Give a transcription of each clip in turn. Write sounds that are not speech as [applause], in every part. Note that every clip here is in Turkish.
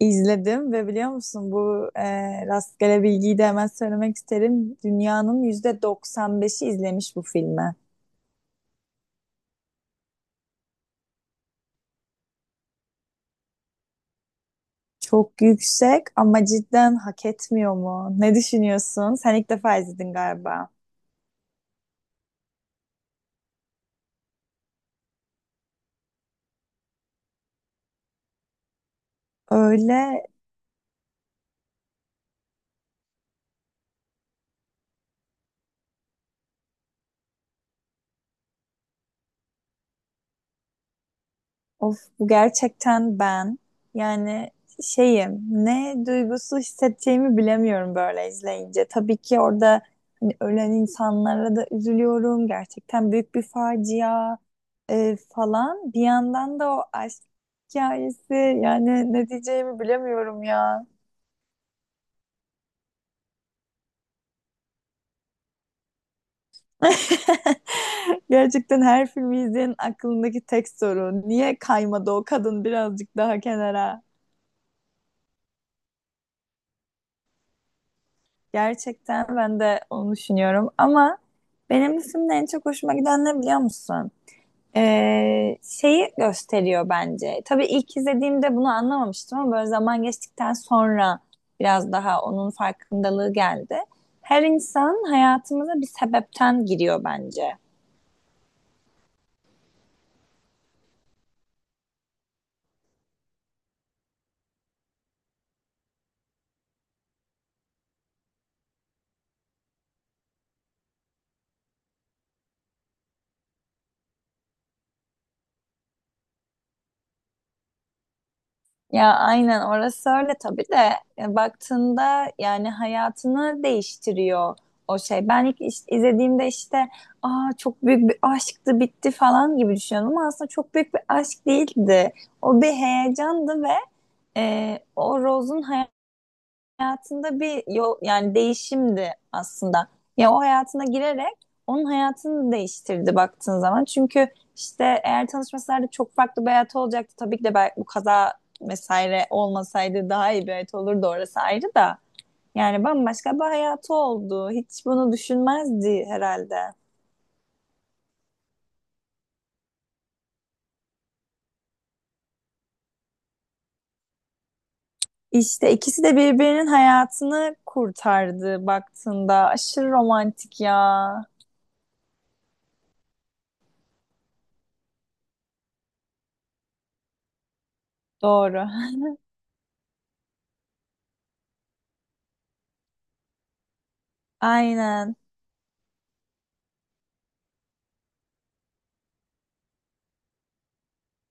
İzledim ve biliyor musun bu rastgele bilgiyi de hemen söylemek isterim. Dünyanın %95'i izlemiş bu filmi. Çok yüksek ama cidden hak etmiyor mu? Ne düşünüyorsun? Sen ilk defa izledin galiba. Öyle. Of, bu gerçekten ben. Yani şeyim, ne duygusu hissedeceğimi bilemiyorum böyle izleyince. Tabii ki orada hani ölen insanlara da üzülüyorum. Gerçekten büyük bir facia falan. Bir yandan da o aşk hikayesi, yani ne diyeceğimi bilemiyorum ya. [laughs] Gerçekten her filmi izleyenin aklındaki tek soru. Niye kaymadı o kadın birazcık daha kenara? Gerçekten ben de onu düşünüyorum ama benim bu filmde en çok hoşuma giden ne biliyor musun? Şeyi gösteriyor bence. Tabii ilk izlediğimde bunu anlamamıştım ama böyle zaman geçtikten sonra biraz daha onun farkındalığı geldi. Her insan hayatımıza bir sebepten giriyor bence. Ya aynen orası öyle tabii de baktığında yani hayatını değiştiriyor o şey. Ben izlediğimde işte aa çok büyük bir aşktı, bitti falan gibi düşünüyordum ama aslında çok büyük bir aşk değildi. O bir heyecandı ve o Rose'un hayatında bir yol, yani değişimdi aslında. Ya o hayatına girerek onun hayatını değiştirdi baktığın zaman. Çünkü işte eğer tanışmasalardı çok farklı bir hayatı olacaktı. Tabii ki de belki bu kaza vesaire olmasaydı daha iyi bir hayat olurdu, orası ayrı da. Yani bambaşka bir hayatı oldu. Hiç bunu düşünmezdi herhalde. İşte ikisi de birbirinin hayatını kurtardı baktığında. Aşırı romantik ya. Doğru. [laughs] Aynen.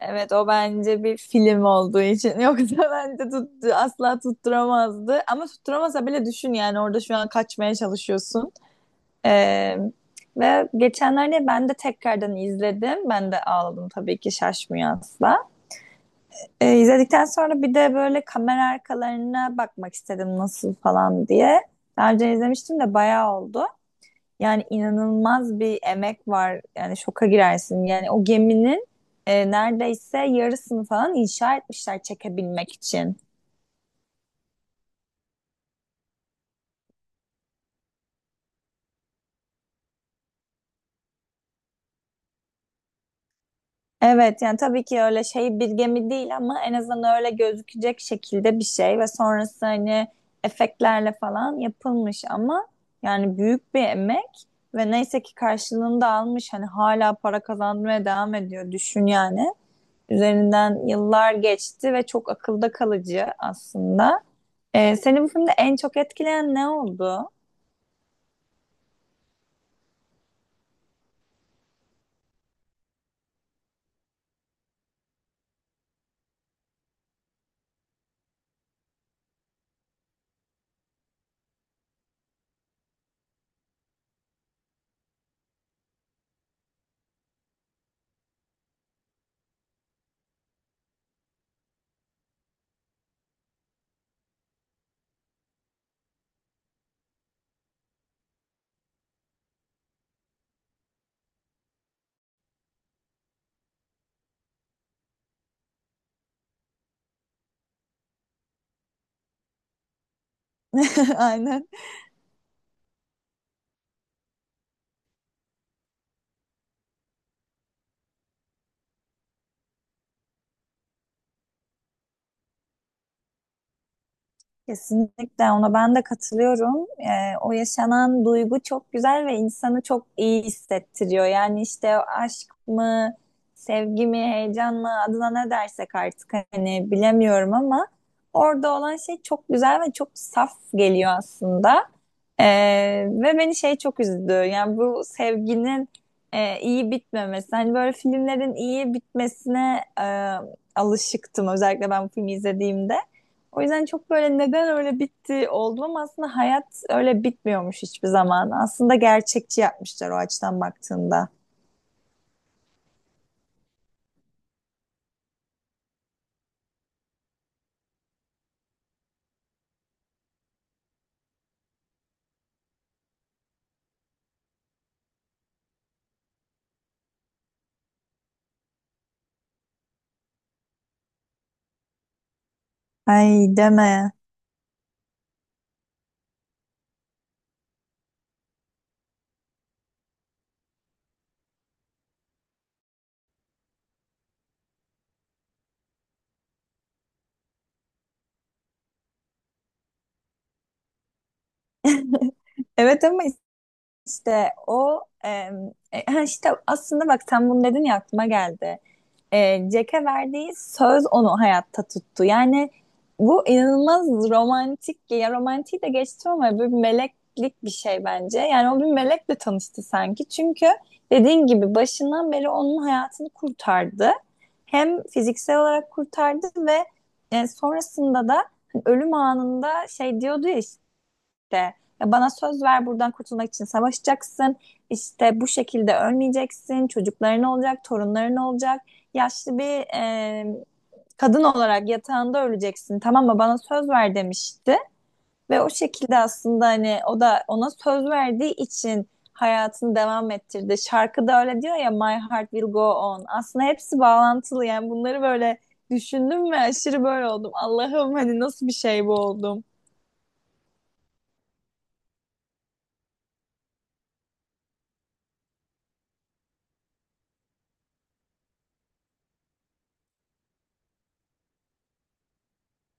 Evet, o bence bir film olduğu için. [laughs] Yoksa bence tuttu, asla tutturamazdı. Ama tutturamasa bile düşün, yani orada şu an kaçmaya çalışıyorsun. Ee, Ve geçenlerde ben de tekrardan izledim. Ben de ağladım tabii ki, şaşmıyor asla. İzledikten sonra bir de böyle kamera arkalarına bakmak istedim nasıl falan diye. Daha önce izlemiştim de bayağı oldu. Yani inanılmaz bir emek var. Yani şoka girersin. Yani o geminin neredeyse yarısını falan inşa etmişler çekebilmek için. Evet, yani tabii ki öyle şey bir gemi değil ama en azından öyle gözükecek şekilde bir şey ve sonrası hani efektlerle falan yapılmış ama yani büyük bir emek ve neyse ki karşılığını da almış, hani hala para kazanmaya devam ediyor, düşün yani. Üzerinden yıllar geçti ve çok akılda kalıcı aslında. Seni bu filmde en çok etkileyen ne oldu? [laughs] Aynen. Kesinlikle ona ben de katılıyorum. O yaşanan duygu çok güzel ve insanı çok iyi hissettiriyor. Yani işte aşk mı, sevgi mi, heyecan mı, adına ne dersek artık hani bilemiyorum ama orada olan şey çok güzel ve çok saf geliyor aslında. Ee, Ve beni şey çok üzdü. Yani bu sevginin iyi bitmemesi. Hani böyle filmlerin iyi bitmesine alışıktım özellikle ben bu filmi izlediğimde. O yüzden çok böyle neden öyle bitti oldum ama aslında hayat öyle bitmiyormuş hiçbir zaman. Aslında gerçekçi yapmışlar o açıdan baktığında. Ay, deme. [laughs] Evet ama işte o işte aslında bak sen bunu dedin ya, aklıma geldi. Jack'e verdiği söz onu hayatta tuttu. Yani bu inanılmaz romantik, ya romantiği de geçtim ama bir meleklik bir şey bence. Yani o bir melekle tanıştı sanki. Çünkü dediğin gibi başından beri onun hayatını kurtardı. Hem fiziksel olarak kurtardı ve sonrasında da hani ölüm anında şey diyordu ya işte de, "Ya bana söz ver, buradan kurtulmak için savaşacaksın. İşte bu şekilde ölmeyeceksin. Çocukların olacak, torunların olacak. Yaşlı bir kadın olarak yatağında öleceksin. Tamam mı? Bana söz ver," demişti. Ve o şekilde aslında hani o da ona söz verdiği için hayatını devam ettirdi. Şarkıda öyle diyor ya, My Heart Will Go On. Aslında hepsi bağlantılı, yani bunları böyle düşündüm ve aşırı böyle oldum. Allah'ım hani nasıl bir şey bu, oldum.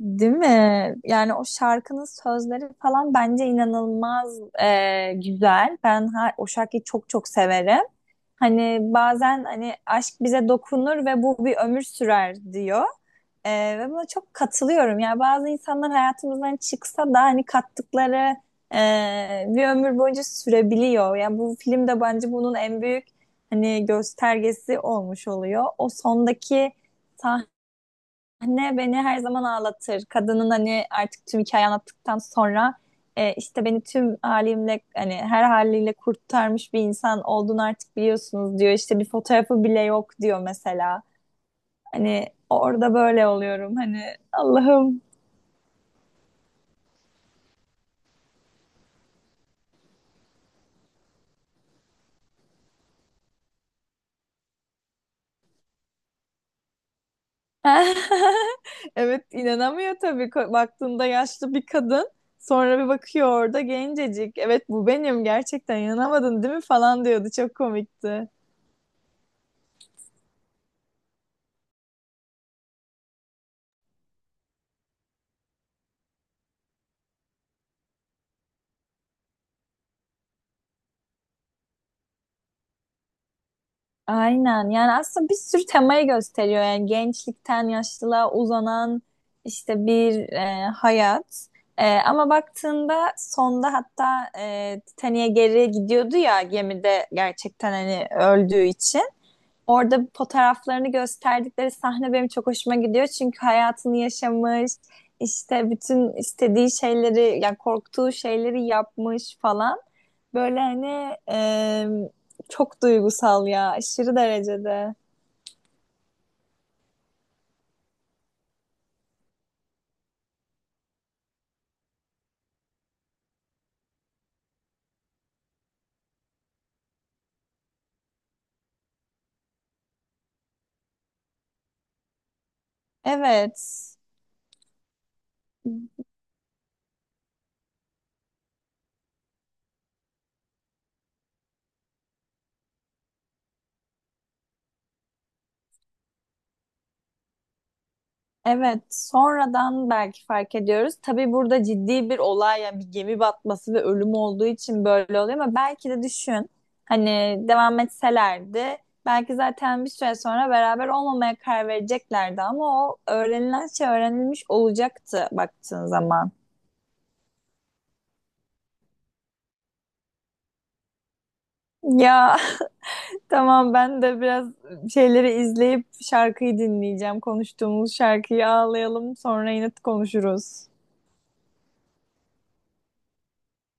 Değil mi? Yani o şarkının sözleri falan bence inanılmaz güzel. Ben o şarkıyı çok çok severim. Hani bazen hani aşk bize dokunur ve bu bir ömür sürer diyor. E, Ve buna çok katılıyorum. Yani bazı insanlar hayatımızdan çıksa da hani kattıkları bir ömür boyunca sürebiliyor. Yani bu film de bence bunun en büyük hani göstergesi olmuş oluyor. O sondaki Anne beni her zaman ağlatır. Kadının hani artık tüm hikaye anlattıktan sonra işte, "Beni tüm halimle, hani her haliyle kurtarmış bir insan olduğunu artık biliyorsunuz," diyor. "İşte bir fotoğrafı bile yok," diyor mesela. Hani orada böyle oluyorum, hani Allah'ım. [laughs] Evet, inanamıyor tabii. Baktığında yaşlı bir kadın, sonra bir bakıyor orada gencecik. Evet, bu benim gerçekten, inanamadın değil mi falan diyordu, çok komikti. Aynen, yani aslında bir sürü temayı gösteriyor, yani gençlikten yaşlılığa uzanan işte bir hayat. E, ama baktığında sonda hatta Titanic'e geri gidiyordu ya gemide, gerçekten hani öldüğü için orada fotoğraflarını gösterdikleri sahne benim çok hoşuma gidiyor, çünkü hayatını yaşamış, işte bütün istediği şeyleri, yani korktuğu şeyleri yapmış falan. Böyle hani çok duygusal ya, aşırı derecede. Evet. Evet, sonradan belki fark ediyoruz. Tabii burada ciddi bir olay, yani bir gemi batması ve ölüm olduğu için böyle oluyor ama belki de düşün. Hani devam etselerdi belki zaten bir süre sonra beraber olmamaya karar vereceklerdi ama o öğrenilen şey öğrenilmiş olacaktı baktığın zaman. Ya, tamam ben de biraz şeyleri izleyip şarkıyı dinleyeceğim. Konuştuğumuz şarkıyı, ağlayalım sonra yine konuşuruz.